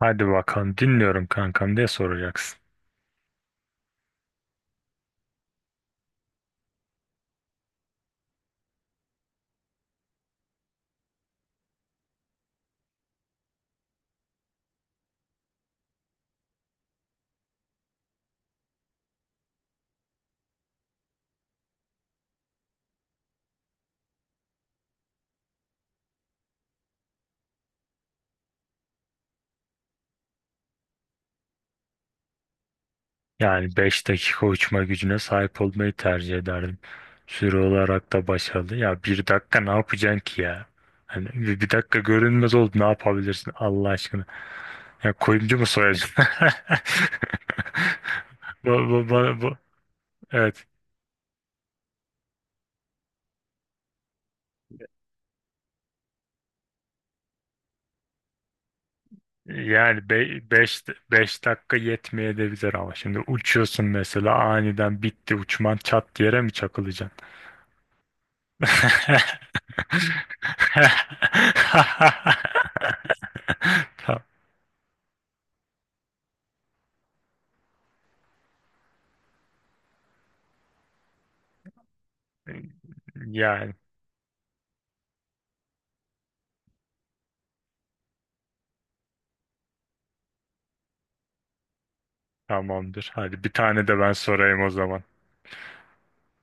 Hadi bakalım dinliyorum kankam diye soracaksın. Yani 5 dakika uçma gücüne sahip olmayı tercih ederdim. Süre olarak da başarılı. Ya bir dakika ne yapacaksın ki ya? Hani bir dakika görünmez oldu ne yapabilirsin Allah aşkına? Ya kuyumcu mu soyacaksın? Bu, bu, bu, bu- evet. Yani be 5 5 dakika yetmeyebilir ama şimdi uçuyorsun mesela aniden bitti uçman çat yere mi çakılacaksın? Tam- Yani tamamdır. Hadi bir tane de ben sorayım o zaman.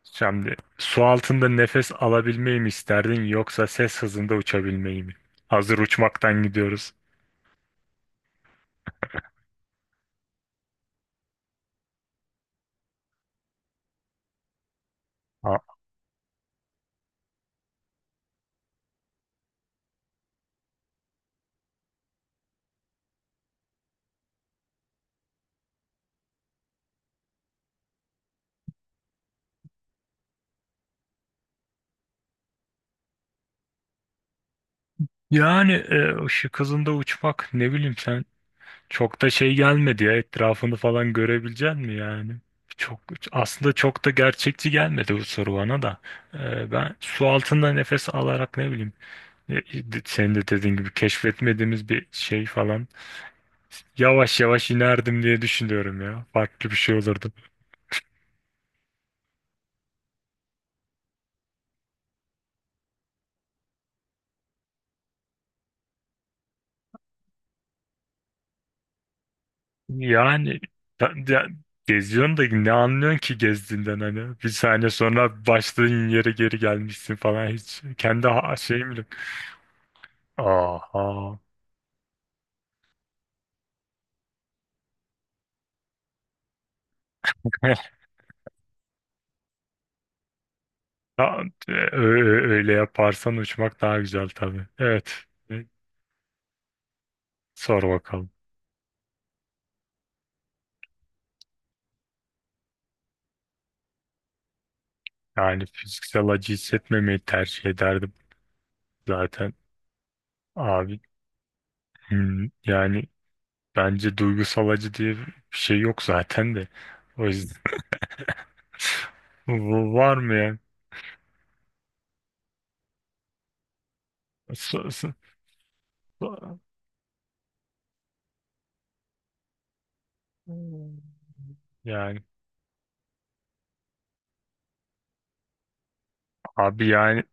Şimdi su altında nefes alabilmeyi mi isterdin yoksa ses hızında uçabilmeyi mi? Hazır uçmaktan gidiyoruz. Ha- Yani ışık hızında uçmak ne bileyim sen. Çok da şey gelmedi ya etrafını falan görebilecek mi yani? Çok aslında çok da gerçekçi gelmedi bu soru bana da. Ben su altında nefes alarak ne bileyim e, e, senin de dediğin gibi keşfetmediğimiz bir şey falan yavaş yavaş inerdim diye düşünüyorum ya. Farklı bir şey olurdu. Yani ben de- geziyorsun da ne anlıyorsun ki gezdiğinden hani bir saniye sonra başladığın yere geri gelmişsin falan hiç kendi şeyim bile. Aha. Ya, öyle yaparsan uçmak daha güzel tabii. Evet. E, Sor bakalım. Yani fiziksel acı hissetmemeyi tercih ederdim zaten. Abi yani bence duygusal acı diye bir şey yok zaten de. O yüzden. Var mı ya? So- so- so- Yani abi yani.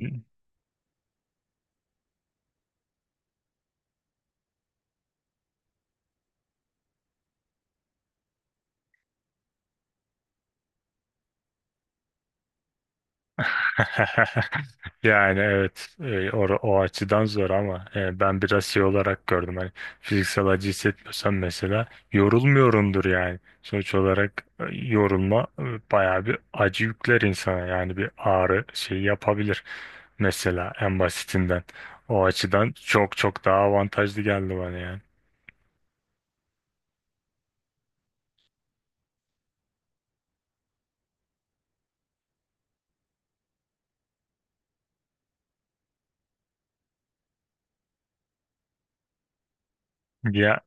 A- Yani evet o açıdan zor ama ben biraz şey olarak gördüm hani fiziksel acı hissetmiyorsam mesela yorulmuyorumdur yani sonuç olarak yorulma bayağı bir acı yükler insana yani bir ağrı şey yapabilir mesela en basitinden o açıdan çok çok daha avantajlı geldi bana yani ya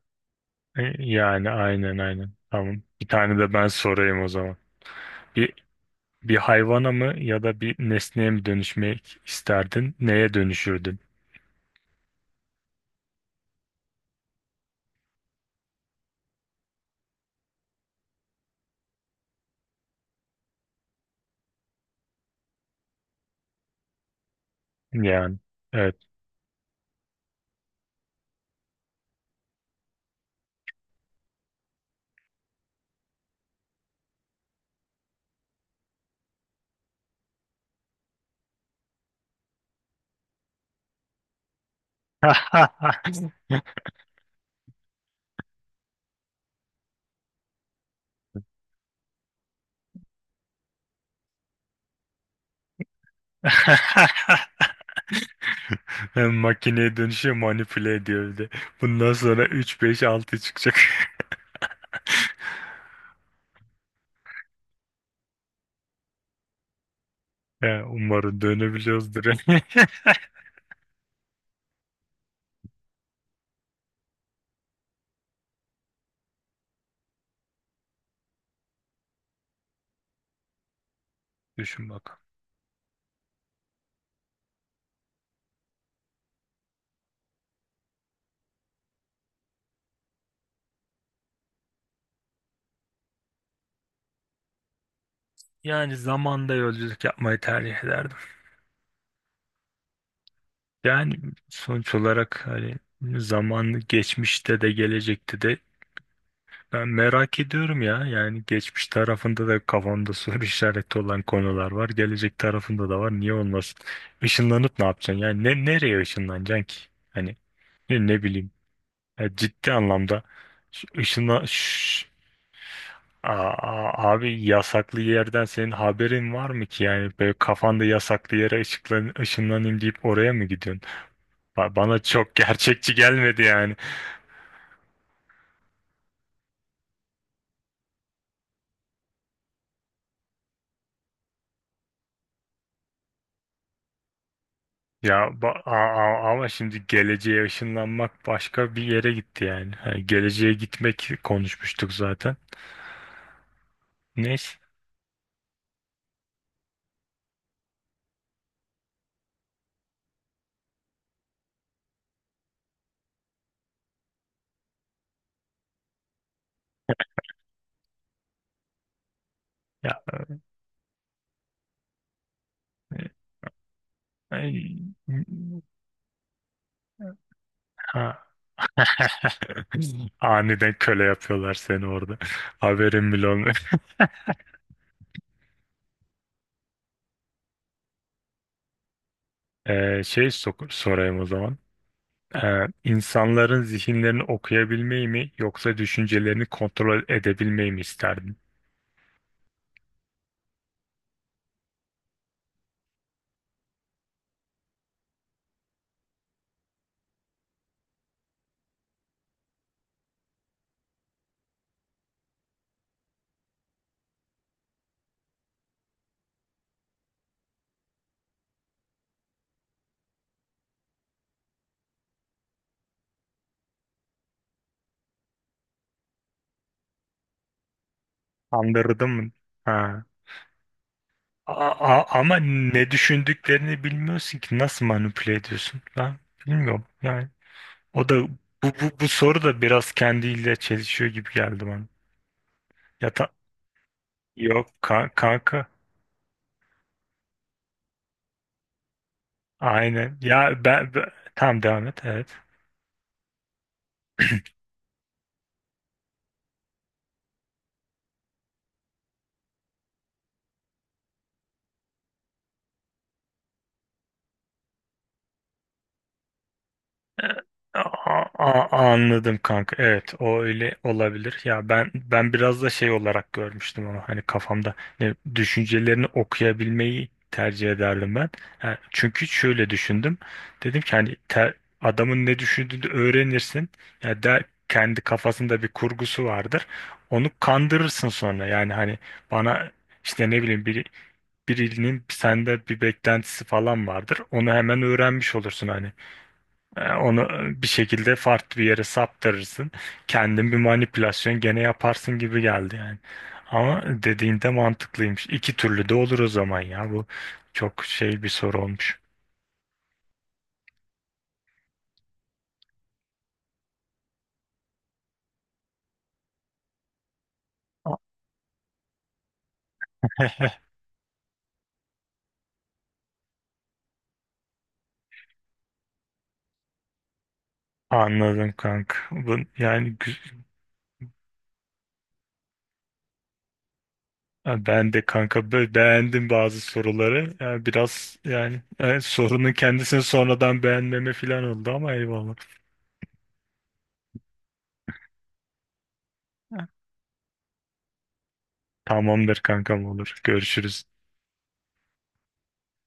yani aynen aynen tamam bir tane de ben sorayım o zaman. Bir Bir hayvana mı ya da bir nesneye mi dönüşmek isterdin? Neye dönüşürdün? Yani evet. Makineye dönüşüyor manipüle ediyor bir de. Bundan sonra 3 5 6 çıkacak. Ya, umarım dönebiliyoruzdur. Düşün bakalım. Yani zamanda yolculuk yapmayı tercih ederdim. Yani sonuç olarak hani zamanı geçmişte de gelecekte de. Ben merak ediyorum ya. Yani geçmiş tarafında da kafamda soru işareti olan konular var. Gelecek tarafında da var. Niye olmasın? Işınlanıp ne yapacaksın? Yani nereye ışınlanacaksın ki? Hani ne bileyim. Ya ciddi anlamda ışınla... Aa, aa, abi yasaklı yerden senin haberin var mı ki? Yani böyle kafanda yasaklı yere ışınlanayım deyip oraya mı gidiyorsun? Bana çok gerçekçi gelmedi yani. Ya ama şimdi geleceğe ışınlanmak başka bir yere gitti yani. Hani geleceğe gitmek konuşmuştuk zaten. Neyse. Ya, e, ay, ha. Aniden köle yapıyorlar seni orada. Haberin bile olmuyor. Şey sorayım o zaman. İnsanların zihinlerini okuyabilmeyi mi yoksa düşüncelerini kontrol edebilmeyi mi isterdin? Andırdım. Ha. Ama ne düşündüklerini bilmiyorsun ki nasıl manipüle ediyorsun? Ben bilmiyorum. Yani o da bu soru da biraz kendiyle çelişiyor gibi geldi bana. Ya yok kanka. Aynen. Ya tamam devam et. Evet. Anladım kanka. Evet, o öyle olabilir. Ya ben biraz da şey olarak görmüştüm onu. Hani kafamda düşüncelerini okuyabilmeyi tercih ederdim ben. Ha, çünkü şöyle düşündüm. Dedim ki hani adamın ne düşündüğünü öğrenirsin. Ya der kendi kafasında bir kurgusu vardır. Onu kandırırsın sonra. Yani hani bana işte ne bileyim birinin sende bir beklentisi falan vardır. Onu hemen öğrenmiş olursun hani. Onu bir şekilde farklı bir yere saptırırsın. Kendin bir manipülasyon gene yaparsın gibi geldi yani. Ama dediğinde mantıklıymış. İki türlü de olur o zaman ya. Bu çok şey bir soru olmuş. A- Anladım kanka. Ben de kanka beğendim bazı soruları. Yani biraz yani sorunun kendisini sonradan beğenmeme falan oldu ama eyvallah. Tamamdır kankam olur. Görüşürüz.